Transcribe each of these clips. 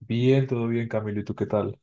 Bien, todo bien, Camilo. ¿Y tú qué tal?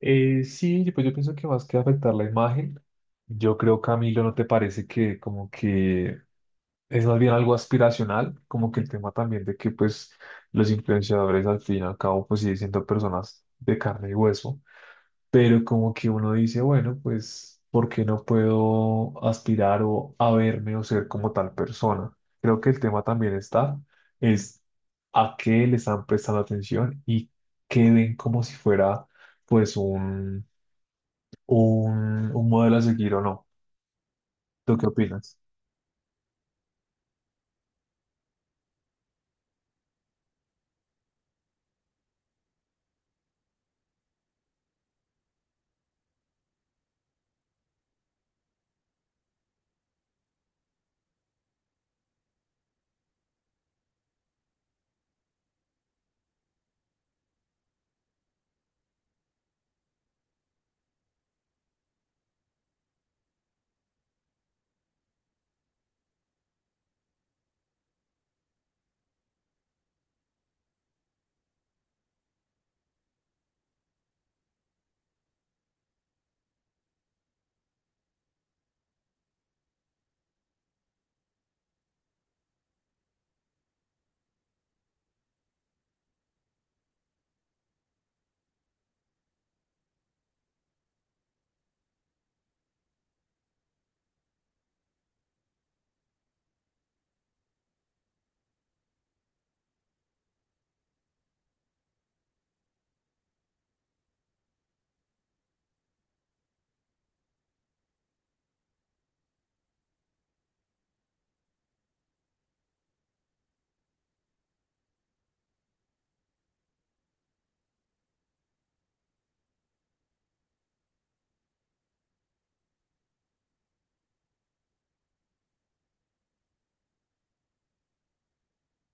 Sí, pues yo pienso que más que afectar la imagen, yo creo, Camilo, ¿no te parece que como que es más bien algo aspiracional? Como que el tema también de que pues los influenciadores al fin y al cabo pues siguen siendo personas de carne y hueso, pero como que uno dice, bueno, pues, ¿por qué no puedo aspirar o a verme o ser como tal persona? Creo que el tema también está, es a qué le están prestando atención y qué ven como si fuera, pues, un modelo a seguir o no. ¿Tú qué opinas?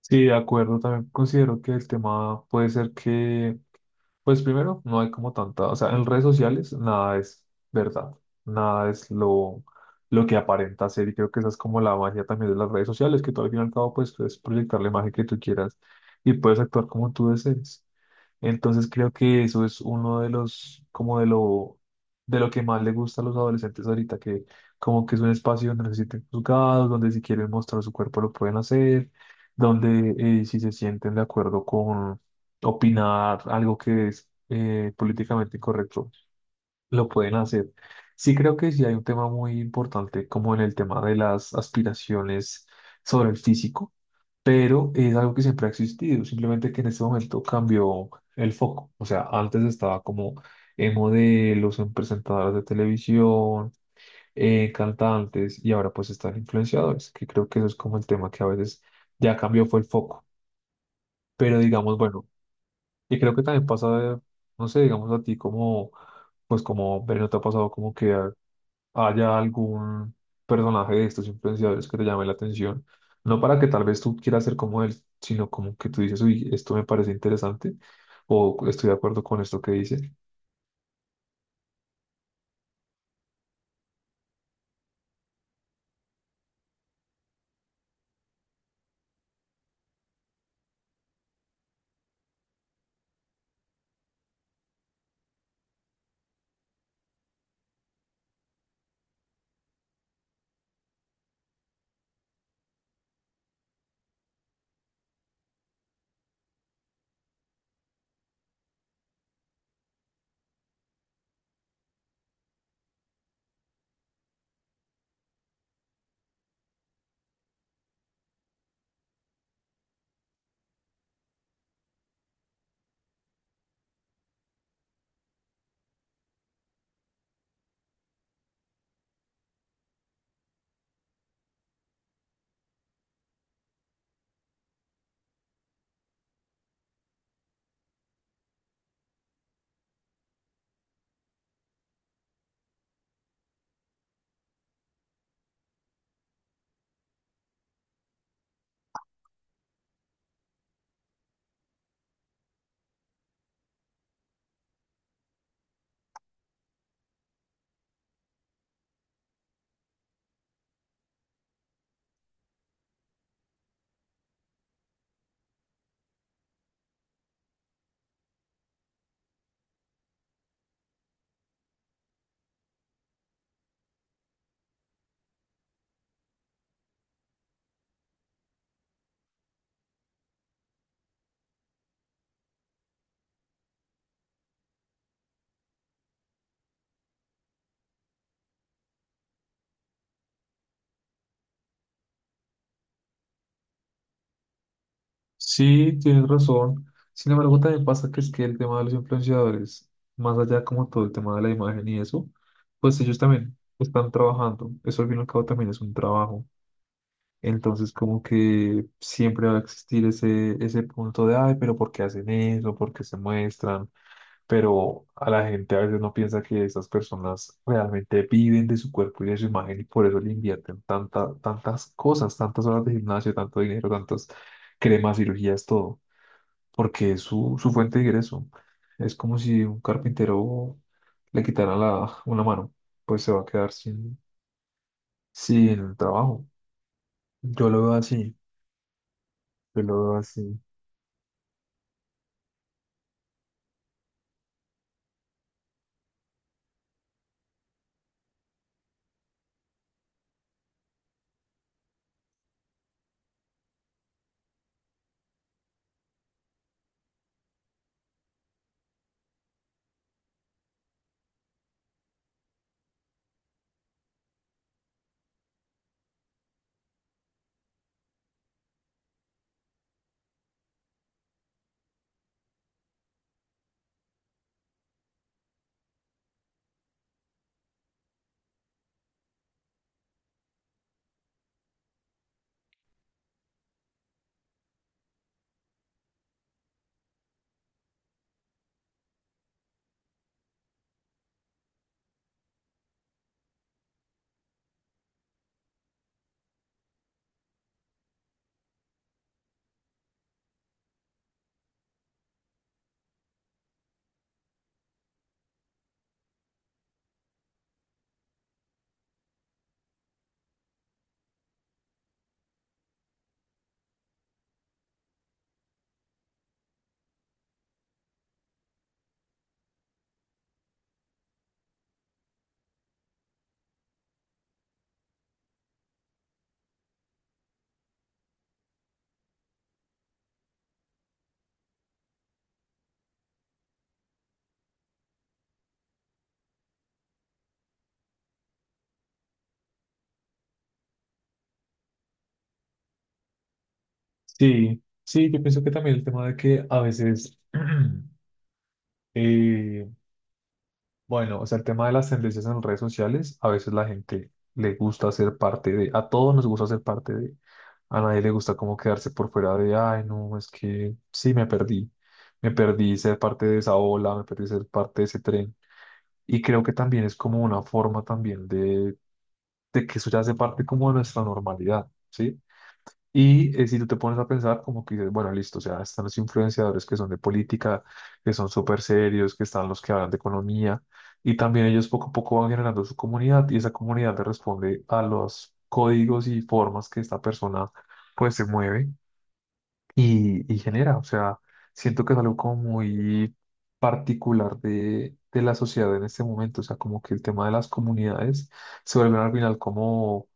Sí, de acuerdo, también considero que el tema puede ser que pues primero, no hay como tanta, o sea, en redes sociales nada es verdad, nada es lo que aparenta ser, y creo que esa es como la magia también de las redes sociales, que tú al fin y al cabo pues puedes proyectar la imagen que tú quieras y puedes actuar como tú desees. Entonces creo que eso es uno de los, como de lo que más le gusta a los adolescentes ahorita, que como que es un espacio donde no se sienten juzgados, donde si quieren mostrar su cuerpo lo pueden hacer, donde si se sienten de acuerdo con opinar algo que es políticamente incorrecto, lo pueden hacer. Sí, creo que sí hay un tema muy importante como en el tema de las aspiraciones sobre el físico, pero es algo que siempre ha existido, simplemente que en este momento cambió el foco. O sea, antes estaba como en modelos, en presentadoras de televisión, en cantantes, y ahora pues están influenciadores, que creo que eso es como el tema que a veces ya cambió fue el foco. Pero digamos, bueno, y creo que también pasa, no sé, digamos a ti como, pues como, pero ¿no te ha pasado como que haya algún personaje de estos influenciadores que te llame la atención? No para que tal vez tú quieras ser como él, sino como que tú dices, uy, esto me parece interesante o estoy de acuerdo con esto que dice. Sí, tienes razón. Sin embargo, también pasa que es que el tema de los influenciadores, más allá como todo el tema de la imagen y eso, pues ellos también están trabajando. Eso al fin y al cabo también es un trabajo. Entonces, como que siempre va a existir ese punto de, ay, pero ¿por qué hacen eso? ¿Por qué se muestran? Pero a la gente a veces no piensa que esas personas realmente viven de su cuerpo y de su imagen, y por eso le invierten tanta, tantas cosas, tantas horas de gimnasio, tanto dinero, tantas cremas, cirugías, todo, porque es su fuente de ingreso. Es como si un carpintero le quitaran la, una mano, pues se va a quedar sin, sin trabajo. Yo lo veo así, yo lo veo así. Sí, sí, yo pienso que también el tema de que a veces... eh, bueno, o sea, el tema de las tendencias en redes sociales, a veces la gente le gusta ser parte de, a todos nos gusta ser parte de, a nadie le gusta como quedarse por fuera de, ay, no, es que sí, me perdí ser parte de esa ola, me perdí ser parte de ese tren. Y creo que también es como una forma también de que eso ya hace parte como de nuestra normalidad, ¿sí? Y si tú te pones a pensar, como que dices, bueno, listo, o sea, están los influenciadores que son de política, que son súper serios, que están los que hablan de economía, y también ellos poco a poco van generando su comunidad, y esa comunidad le responde a los códigos y formas que esta persona pues se mueve y genera. O sea, siento que es algo como muy particular de la sociedad en este momento, o sea, como que el tema de las comunidades se vuelve al final como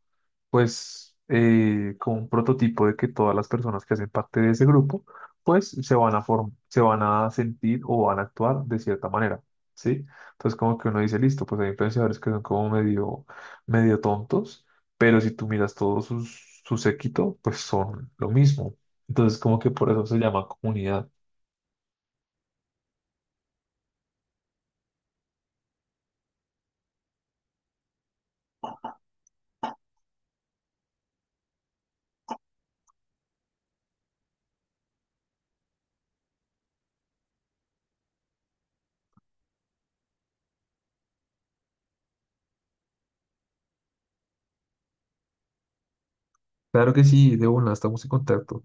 pues como un prototipo de que todas las personas que hacen parte de ese grupo, pues se van a form- se van a sentir o van a actuar de cierta manera, ¿sí? Entonces como que uno dice, listo, pues hay influenciadores que son como medio, medio tontos, pero si tú miras todo sus, su séquito, pues son lo mismo. Entonces como que por eso se llama comunidad. Claro que sí, de una, estamos en contacto.